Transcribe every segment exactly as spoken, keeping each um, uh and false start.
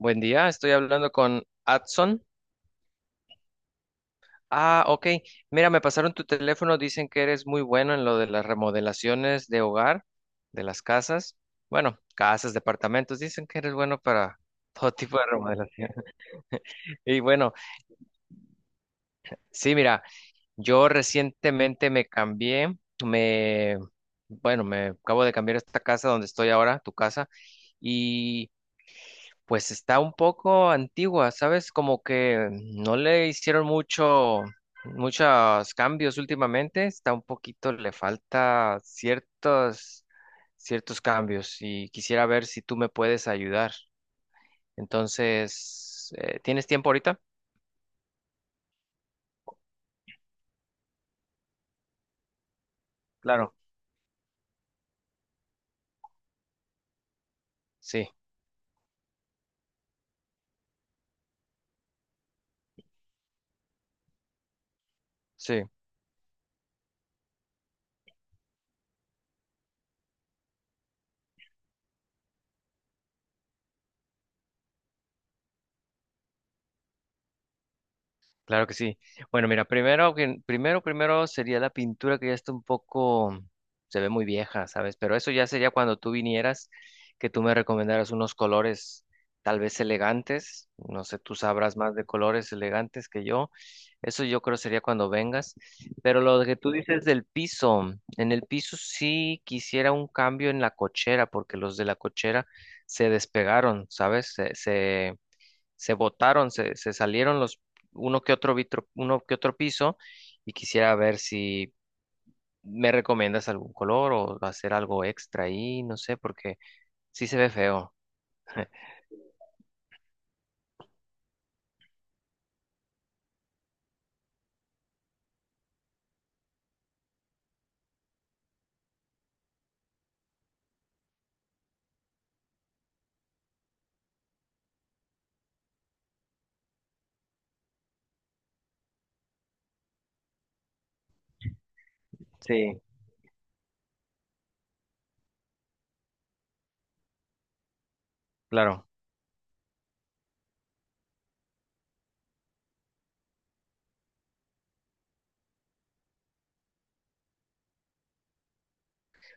Buen día, estoy hablando con Adson. Ah, ok. Mira, me pasaron tu teléfono, dicen que eres muy bueno en lo de las remodelaciones de hogar, de las casas. Bueno, casas, departamentos, dicen que eres bueno para todo tipo de remodelación. Y bueno, sí, mira, yo recientemente me cambié, me, bueno, me acabo de cambiar a esta casa donde estoy ahora, tu casa, y pues está un poco antigua, ¿sabes? Como que no le hicieron mucho, muchos cambios últimamente. Está un poquito, le falta ciertos, ciertos cambios y quisiera ver si tú me puedes ayudar. Entonces, eh, ¿tienes tiempo ahorita? Claro. Sí, sí. Claro que sí. Bueno, mira, primero, que- primero, primero sería la pintura que ya está un poco, se ve muy vieja, ¿sabes? Pero eso ya sería cuando tú vinieras, que tú me recomendaras unos colores tal vez elegantes. No sé, tú sabrás más de colores elegantes que yo. Eso yo creo sería cuando vengas. Pero lo que tú dices del piso, en el piso sí quisiera un cambio en la cochera, porque los de la cochera se despegaron, ¿sabes? Se, se se botaron, se, se salieron los uno que otro vitro, uno que otro piso y quisiera ver si me recomiendas algún color o hacer algo extra ahí, no sé, porque sí se ve feo. Sí, claro,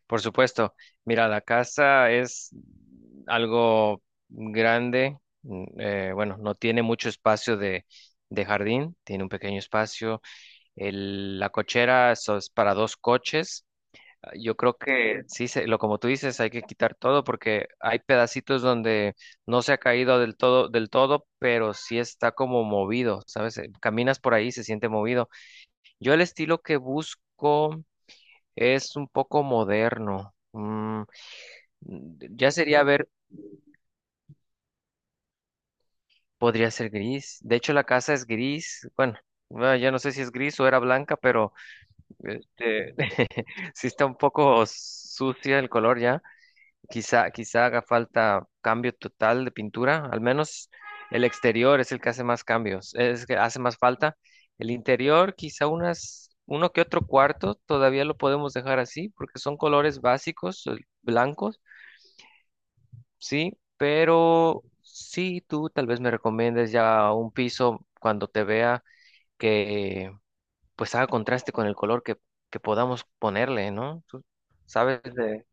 por supuesto. Mira, la casa es algo grande, mm, eh, bueno, no tiene mucho espacio de de jardín, tiene un pequeño espacio. El- la cochera eso es para dos coches. Yo creo que sí, se- lo como tú dices, hay que quitar todo porque hay pedacitos donde no se ha caído del todo, del todo, pero sí está como movido, ¿sabes? Eh, Caminas por ahí, y se siente movido. Yo el estilo que busco es un poco moderno. Mm, ya sería ver, podría ser gris. De hecho, la casa es gris. Bueno, bueno, ya no sé si es gris o era blanca, pero este, sí está un poco sucia el color ya. Quizá, quizá haga falta cambio total de pintura, al menos el exterior es el que hace más cambios, es que hace más falta. El interior, quizá unas, uno que otro cuarto, todavía lo podemos dejar así, porque son colores básicos, eh, blancos, sí, pero sí, tú tal vez me recomiendes ya un piso cuando te vea que pues haga contraste con el color que, que podamos ponerle, ¿no? Tú sabes de,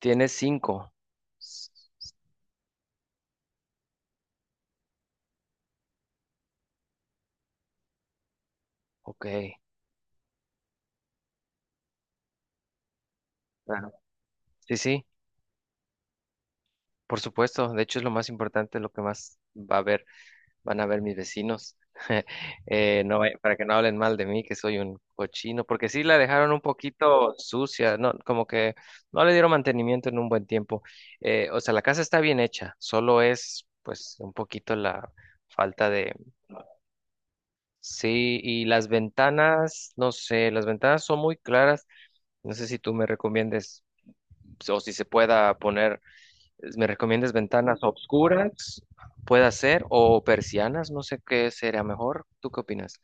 tienes cinco. S- Ok. Claro. Sí, sí, por supuesto. De hecho, es lo más importante, lo que más va a ver, van a ver mis vecinos. Eh, no, vaya- para que no hablen mal de mí, que soy un cochino, porque sí la dejaron un poquito sucia, no, como que no le dieron mantenimiento en un buen tiempo. Eh, o sea, la casa está bien hecha, solo es pues un poquito la falta de... Sí, y las ventanas, no sé, las ventanas son muy claras. No sé si tú me recomiendes o si se pueda poner. ¿Me recomiendas ventanas oscuras? Puede ser, o persianas, no sé qué sería mejor. ¿Tú qué opinas?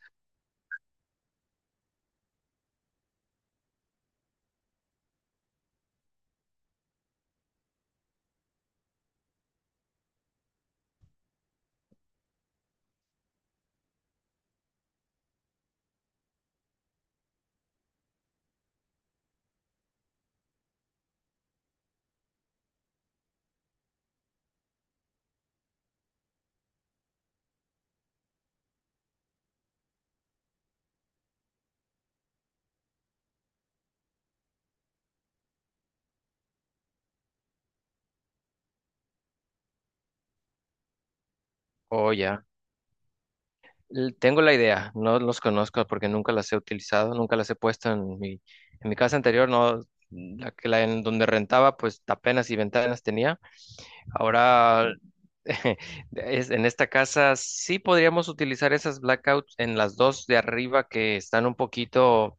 Oh, ya. L- Tengo la idea, no los conozco porque nunca las he utilizado, nunca las he puesto en mi, en mi casa anterior, no, la que la en donde rentaba, pues apenas y ventanas tenía. Ahora es- en esta casa sí podríamos utilizar esas blackouts en las dos de arriba que están un poquito,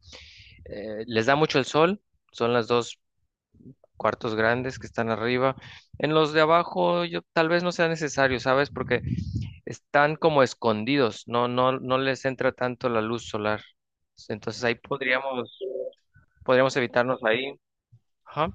eh, les da mucho el sol, son las dos cuartos grandes que están arriba. En los de abajo, yo tal vez no sea necesario, ¿sabes? Porque están como escondidos, no, no, no les entra tanto la luz solar. Entonces ahí podríamos, podríamos evitarnos ahí. Ajá.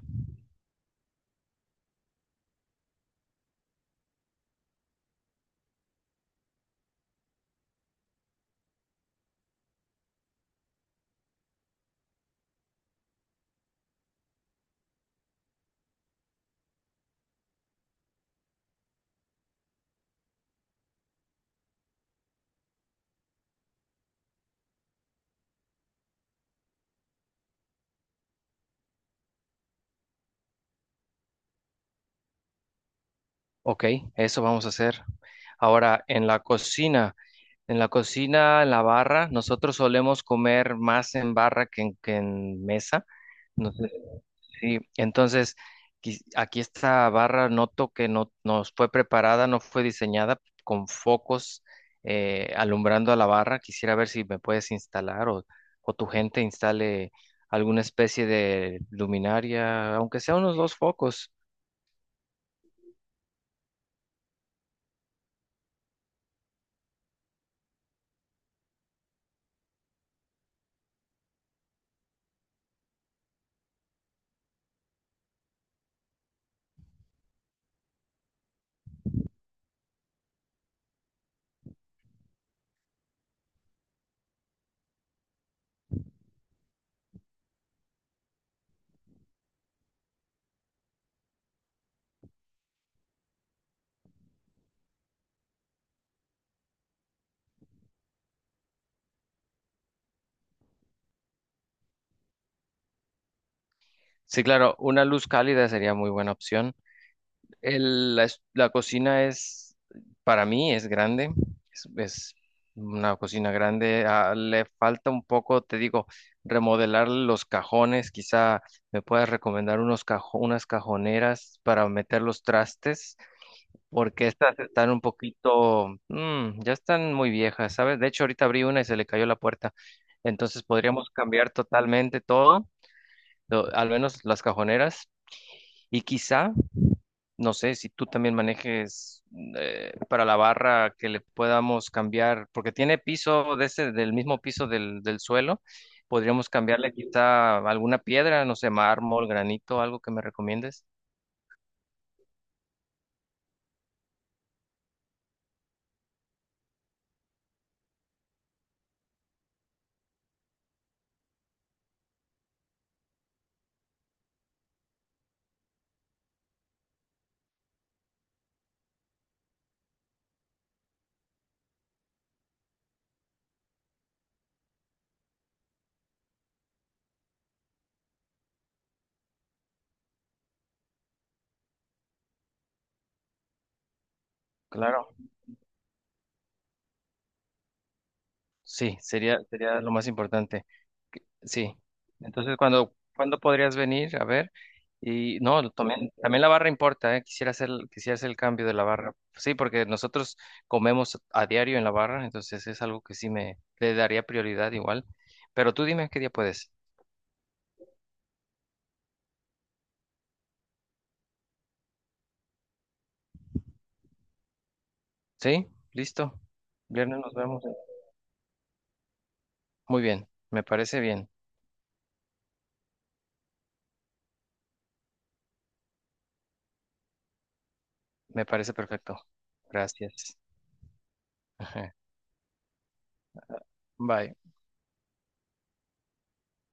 Ok, eso vamos a hacer. Ahora, en la cocina, en la cocina, en la barra, nosotros solemos comer más en barra que en, que en mesa. No sé. Sí, entonces quis- aquí esta barra noto que no nos fue preparada, no fue diseñada con focos eh, alumbrando a la barra. Quisiera ver si me puedes instalar o, o tu gente instale alguna especie de luminaria, aunque sea unos dos focos. Sí, claro, una luz cálida sería muy buena opción. El- la, es- la cocina es, para mí, es grande. Es, es una cocina grande. Ah, le falta un poco, te digo, remodelar los cajones. Quizá me puedas recomendar unos cajo- unas cajoneras para meter los trastes, porque estas están un poquito, mm, ya están muy viejas, ¿sabes? De hecho, ahorita abrí una y se le cayó la puerta. Entonces podríamos cambiar totalmente todo, lo- al menos las cajoneras. Y quizá no sé si tú también manejes mm, eh, para la barra que le podamos cambiar, porque tiene piso de ese, del mismo piso del, del suelo. Podríamos cambiarle quizá alguna piedra, no sé, mármol, granito, algo que me recomiendes. Claro. Sí, sería, sería lo más importante. Sí. Entonces, cuando ¿cuándo podrías venir? A ver. Y no, también también, la barra importa, ¿eh? Quisiera hacer, quisiera hacer el cambio de la barra. Sí, porque nosotros comemos a diario en la barra, entonces es algo que sí me le daría prioridad igual. Pero tú dime qué día puedes. ¿Sí? ¿Listo? Viernes nos vemos. Muy bien, me parece bien, me parece perfecto. Gracias. Bye.